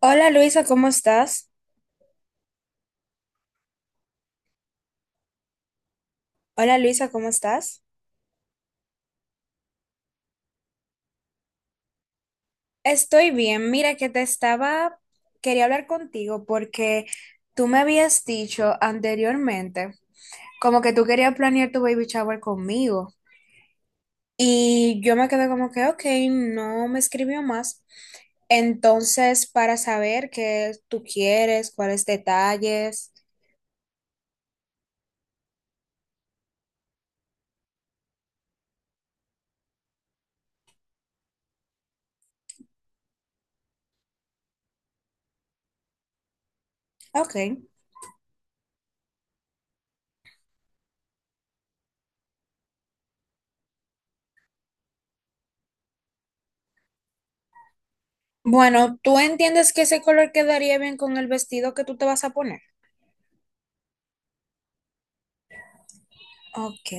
Hola, Luisa, ¿cómo estás? Hola, Luisa, ¿cómo estás? Estoy bien. Mira que te estaba, quería hablar contigo porque tú me habías dicho anteriormente como que tú querías planear tu baby shower conmigo y yo me quedé como que, ok, no me escribió más. Entonces, para saber qué tú quieres, cuáles detalles. Ok. Bueno, ¿tú entiendes que ese color quedaría bien con el vestido que tú te vas a poner? Ok.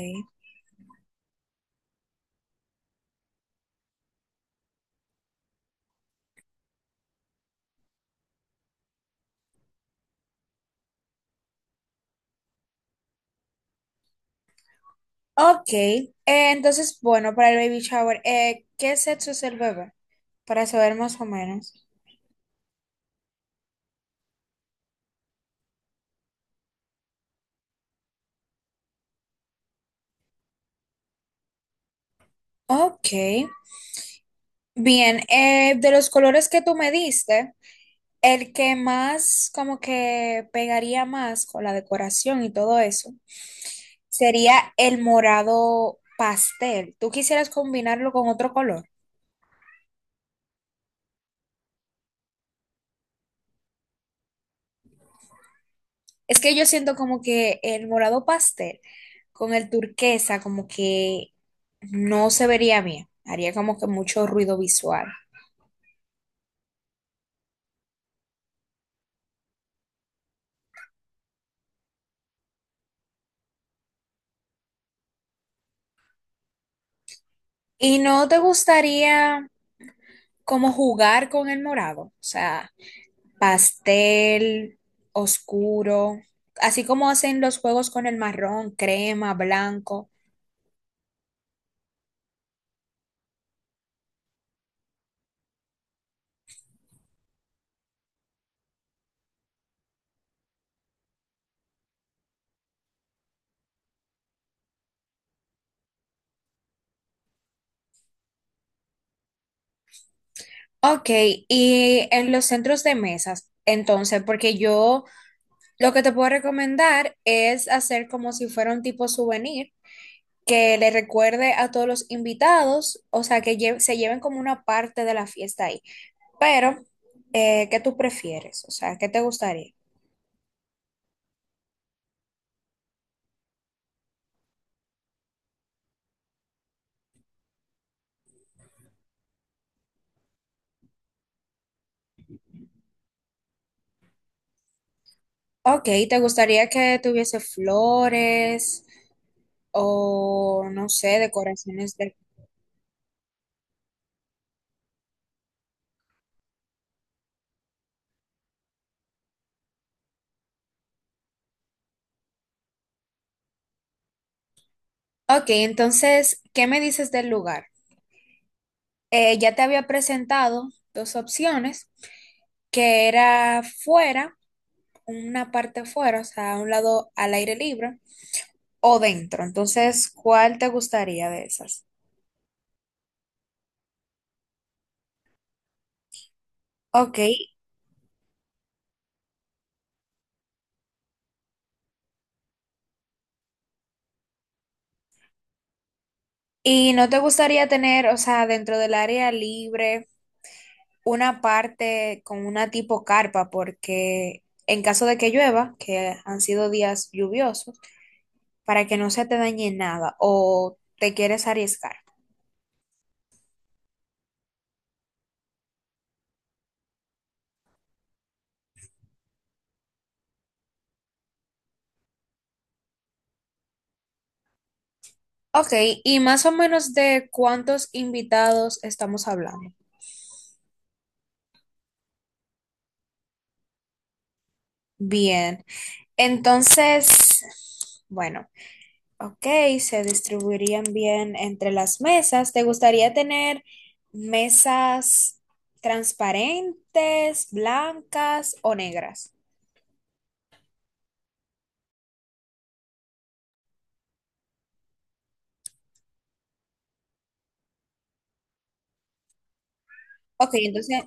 Ok, entonces, bueno, para el baby shower, ¿qué sexo es el bebé? Para saber más o menos. Ok, bien, de los colores que tú me diste, el que más como que pegaría más con la decoración y todo eso sería el morado pastel. ¿Tú quisieras combinarlo con otro color? Es que yo siento como que el morado pastel con el turquesa como que no se vería bien. Haría como que mucho ruido visual. ¿Y no te gustaría como jugar con el morado? O sea, pastel, oscuro, así como hacen los juegos con el marrón, crema, blanco. Ok, y en los centros de mesas, entonces, porque yo lo que te puedo recomendar es hacer como si fuera un tipo souvenir que le recuerde a todos los invitados, o sea, que se lleven como una parte de la fiesta ahí. Pero, ¿qué tú prefieres? O sea, ¿qué te gustaría? Ok, ¿te gustaría que tuviese flores o, no sé, decoraciones de... Ok, entonces, ¿qué me dices del lugar? Ya te había presentado dos opciones, que era fuera una parte afuera, o sea, a un lado al aire libre o dentro. Entonces, ¿cuál te gustaría de esas? Ok, ¿y no te gustaría tener, o sea, dentro del área libre, una parte con una tipo carpa? Porque en caso de que llueva, que han sido días lluviosos, para que no se te dañe nada o te quieres arriesgar. Ok, ¿y más o menos de cuántos invitados estamos hablando? Bien, entonces, bueno. Ok, se distribuirían bien entre las mesas. ¿Te gustaría tener mesas transparentes, blancas o negras? Ok, entonces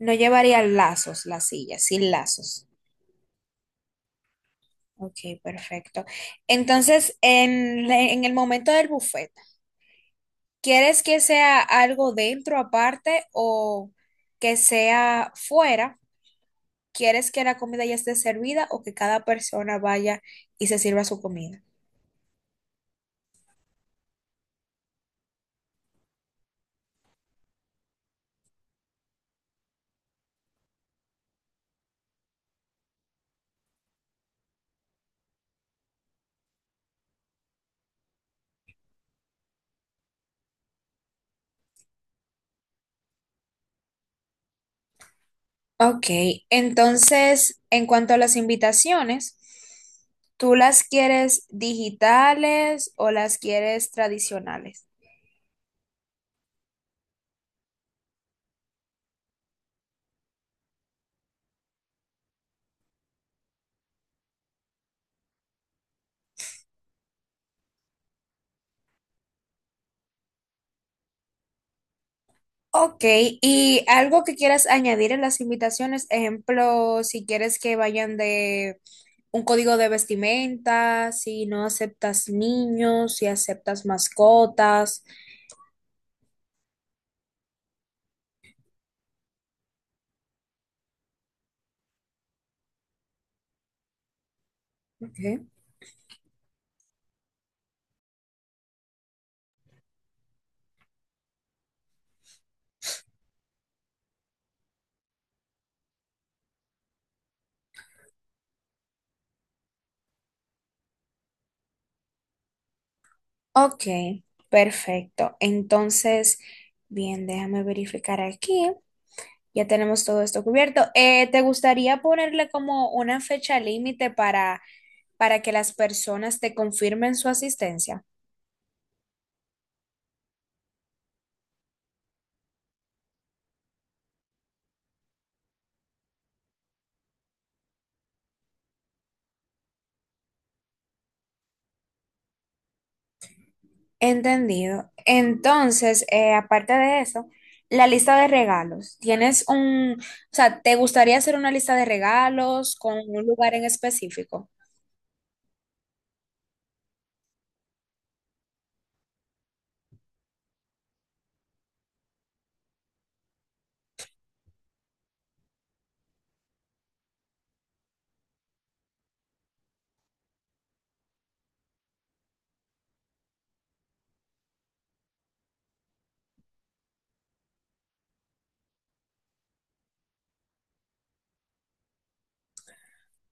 no llevaría lazos las sillas, sin lazos. Ok, perfecto. Entonces, en el momento del buffet, ¿quieres que sea algo dentro aparte o que sea fuera? ¿Quieres que la comida ya esté servida o que cada persona vaya y se sirva su comida? Ok, entonces, en cuanto a las invitaciones, ¿tú las quieres digitales o las quieres tradicionales? Ok, y algo que quieras añadir en las invitaciones, ejemplo, si quieres que vayan de un código de vestimenta, si no aceptas niños, si aceptas mascotas. Ok. Ok, perfecto. Entonces, bien, déjame verificar aquí. Ya tenemos todo esto cubierto. ¿Te gustaría ponerle como una fecha límite para que las personas te confirmen su asistencia? Entendido. Entonces, aparte de eso, la lista de regalos. ¿Tienes un, o sea, ¿te gustaría hacer una lista de regalos con un lugar en específico?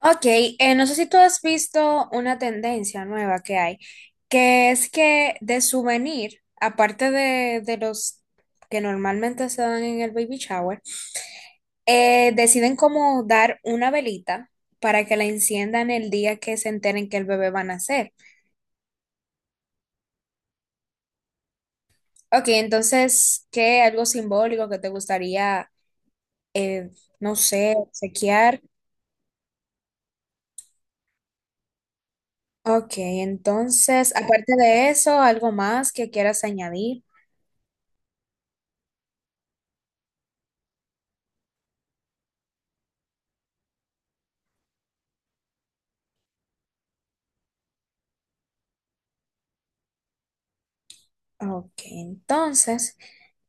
Ok, no sé si tú has visto una tendencia nueva que hay, que es que de souvenir, aparte de los que normalmente se dan en el baby shower, deciden como dar una velita para que la enciendan el día que se enteren que el bebé va a nacer. Ok, entonces, ¿qué algo simbólico que te gustaría, eh, no sé, obsequiar? Ok, entonces, aparte de eso, ¿algo más que quieras añadir? Ok, entonces,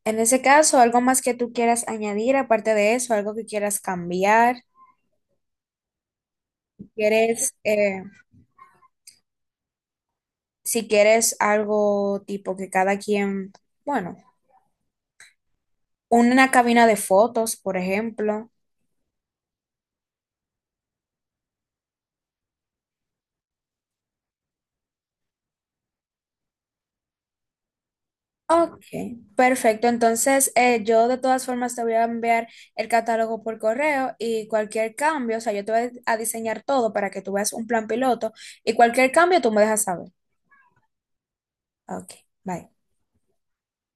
en ese caso, algo más que tú quieras añadir, aparte de eso, algo que quieras cambiar, si quieres, si quieres algo tipo que cada quien, bueno, una cabina de fotos, por ejemplo. Ok, perfecto. Entonces, yo de todas formas te voy a enviar el catálogo por correo y cualquier cambio, o sea, yo te voy a diseñar todo para que tú veas un plan piloto y cualquier cambio tú me dejas saber. Ok, bye.